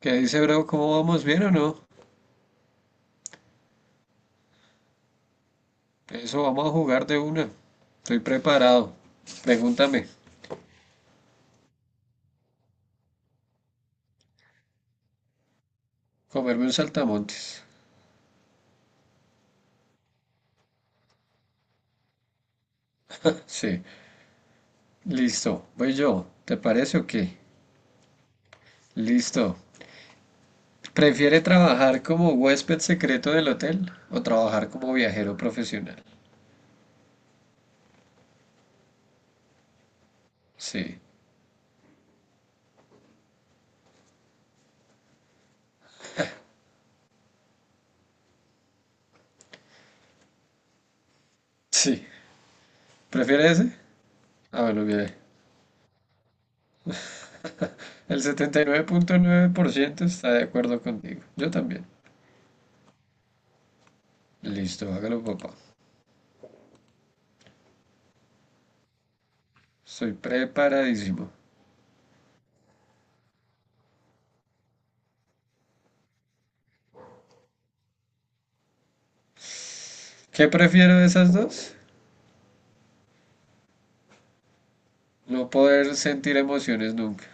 ¿Qué dice, bro? ¿Cómo vamos? ¿Bien o no? Eso, vamos a jugar de una. Estoy preparado. Pregúntame. Comerme un saltamontes. Sí. Listo. Voy yo. ¿Te parece o qué? Listo. ¿Prefiere trabajar como huésped secreto del hotel o trabajar como viajero profesional? Sí. Sí. ¿Prefiere ese? Ah, bueno, mire. El 79.9% está de acuerdo contigo. Yo también. Listo, hágalo, papá. Soy preparadísimo. ¿Qué prefiero de esas dos? No poder sentir emociones nunca.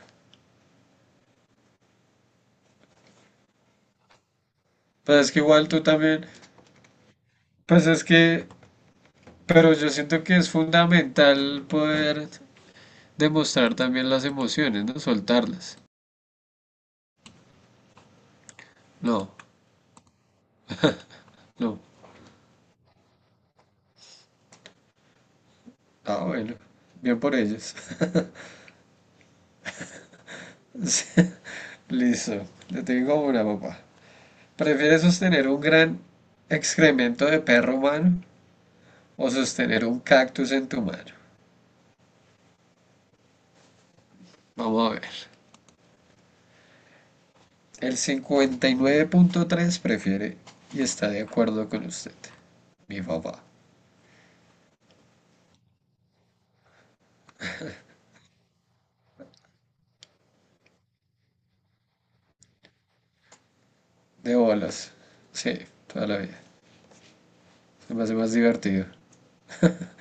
Pues es que igual tú también, pues es que, pero yo siento que es fundamental poder demostrar también las emociones, ¿no? Soltarlas. No, no. Ah, bueno, bien por ellos. Sí. Listo, le tengo una, papá. ¿Prefieres sostener un gran excremento de perro humano o sostener un cactus en tu mano? Vamos a ver. El 59.3 prefiere y está de acuerdo con usted. Mi papá. De bolas. Sí, toda la vida. Se me hace más divertido.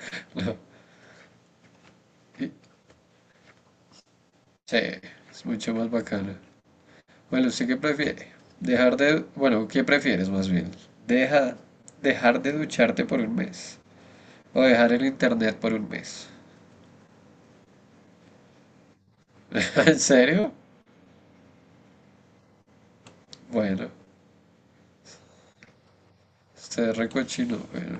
No. Sí, es mucho más bacano. Bueno, ¿usted qué prefiere? Dejar de... Bueno, ¿qué prefieres más bien? Deja... Dejar de ducharte por un mes, o dejar el internet por un mes. ¿En serio? Bueno, usted es recochino. Bueno.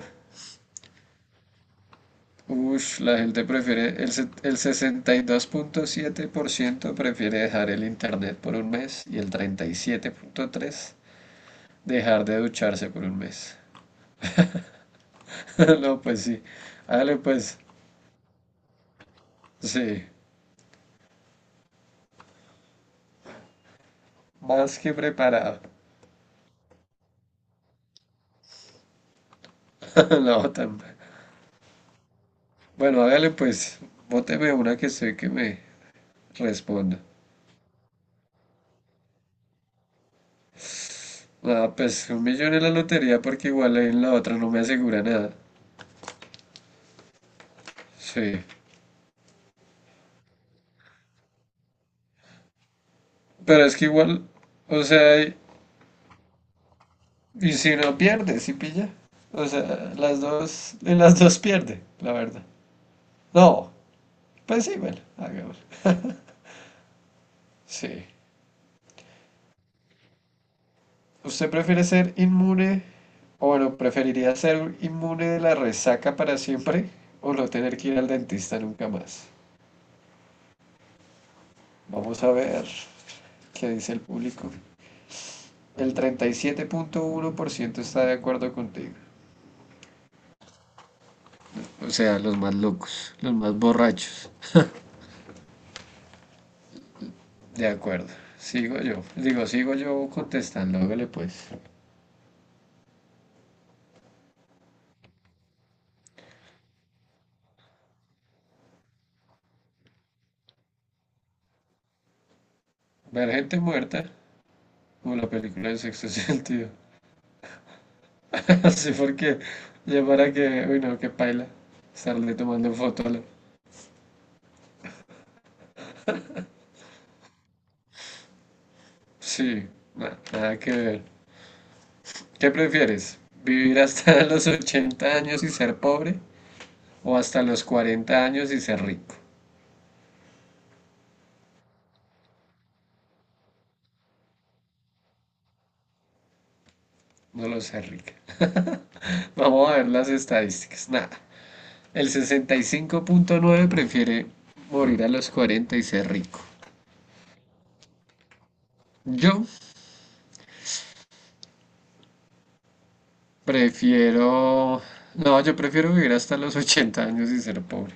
Ush, la gente prefiere, el 62.7% prefiere dejar el internet por un mes y el 37.3% dejar de ducharse por un mes. No, pues sí. Hágale pues, sí. Más que preparado. No, tan... Bueno, hágale pues, bóteme una que sé que me responda. Ah, pues un millón en la lotería porque igual ahí en la otra no me asegura nada. Sí. Pero es que igual, o sea, y si no pierde, si pilla. O sea, las dos, en las dos pierde, la verdad. No, pues sí, bueno, hagámoslo. Sí. ¿Usted prefiere ser inmune, o bueno, preferiría ser inmune de la resaca para siempre, o no tener que ir al dentista nunca más? Vamos a ver qué dice el público. El 37.1% está de acuerdo contigo. O sea, los más locos, los más borrachos. De acuerdo. Sigo yo. Digo, sigo yo contestando. Hágale pues. Ver gente muerta, como la película de sexto sentido. Así porque, ya para que, uy no, que paila, estarle tomando fotos. Sí, nada que ver. ¿Qué prefieres? ¿Vivir hasta los 80 años y ser pobre? ¿O hasta los 40 años y ser rico? No lo sé, rica. Vamos a ver las estadísticas. Nada. El 65.9 prefiere morir a los 40 y ser rico. Yo Prefiero... No, yo prefiero vivir hasta los 80 años y ser pobre.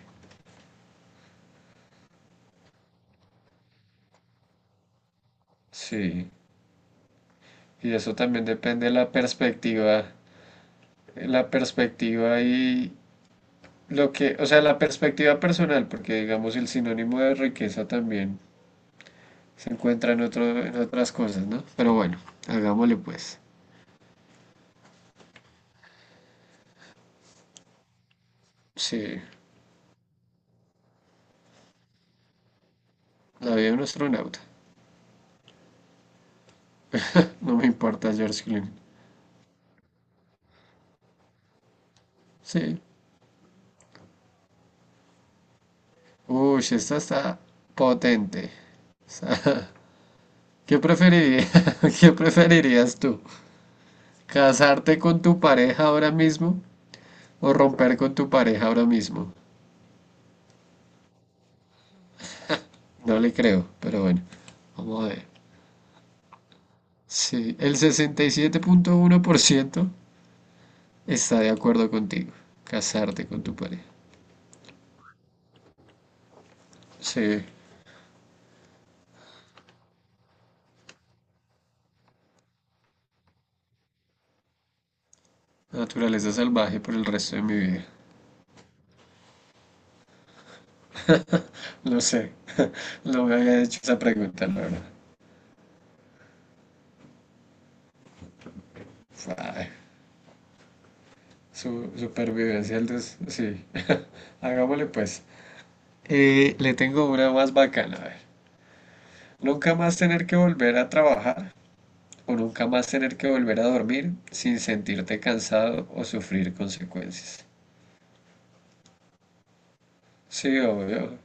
Sí, y eso también depende de la perspectiva y lo que, o sea, la perspectiva personal, porque digamos el sinónimo de riqueza también se encuentra en otro, en otras cosas, ¿no? Pero bueno, hagámosle pues. Sí, la vida de un astronauta. No me importa George Clooney. Sí. Uy, esta está potente. ¿Qué preferirías? ¿Qué preferirías tú? ¿Casarte con tu pareja ahora mismo o romper con tu pareja ahora mismo? No le creo, pero bueno, vamos a ver. Sí, el 67.1% está de acuerdo contigo. Casarte con tu pareja. Sí, naturaleza salvaje por el resto de mi vida. Lo sé, no me había hecho esa pregunta, la verdad. Ay, su supervivencia, sí. Hagámosle pues. Le tengo una más bacana, a ver. Nunca más tener que volver a trabajar o nunca más tener que volver a dormir sin sentirte cansado o sufrir consecuencias. Sí, obvio.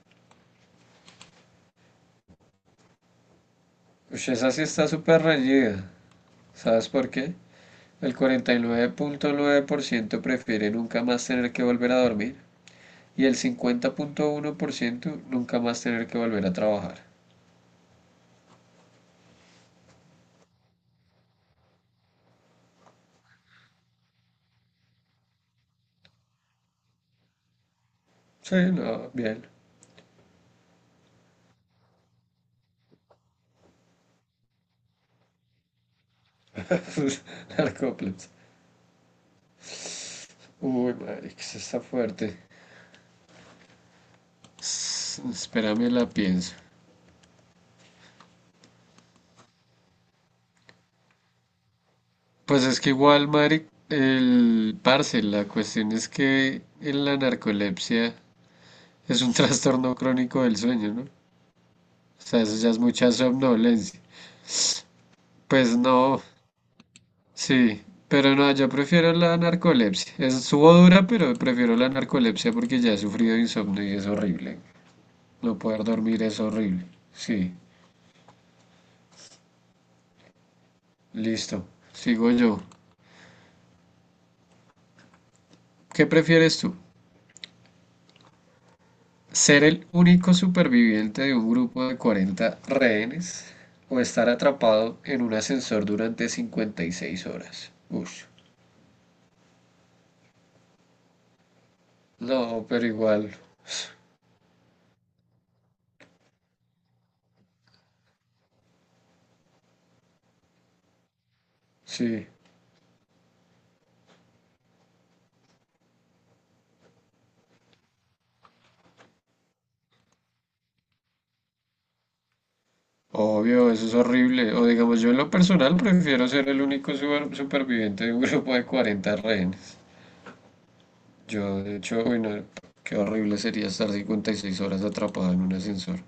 Ush, esa sí está súper reñida. ¿Sabes por qué? El 49.9% prefiere nunca más tener que volver a dormir y el 50.1% nunca más tener que volver a trabajar. Sí, no, bien. Narcóplanos. Uy, madre, que eso está fuerte. Espérame, la pienso. Pues es que igual, Mari, el parce, la cuestión es que en la narcolepsia es un trastorno crónico del sueño, ¿no? O sea, eso ya es mucha somnolencia. Pues no, sí, pero no, yo prefiero la narcolepsia. Es subo dura, pero prefiero la narcolepsia porque ya he sufrido insomnio y es horrible. No poder dormir es horrible. Sí, listo. Sigo yo. ¿Qué prefieres tú? Ser el único superviviente de un grupo de 40 rehenes o estar atrapado en un ascensor durante 56 horas. Ush. No, pero igual. Sí, obvio, eso es horrible. O digamos, yo en lo personal prefiero ser el único superviviente de un grupo de 40 rehenes. Yo, de hecho, uy, no, qué horrible sería estar 56 horas atrapado en un ascensor.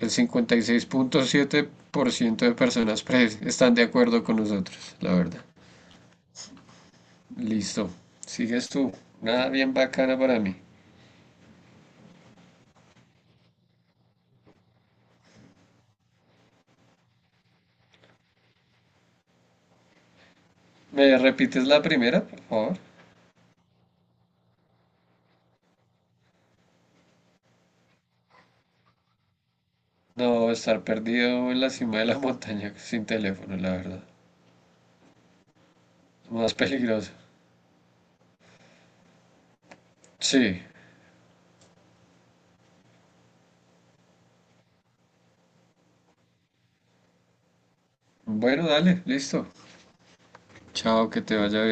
El 56.7% de personas están de acuerdo con nosotros, la verdad. Listo. Sigues tú. Nada bien bacana para mí. ¿Me repites la primera, por favor? No, estar perdido en la cima de la montaña sin teléfono, la verdad. Más peligroso. Sí. Bueno, dale, listo. Chao, que te vaya bien.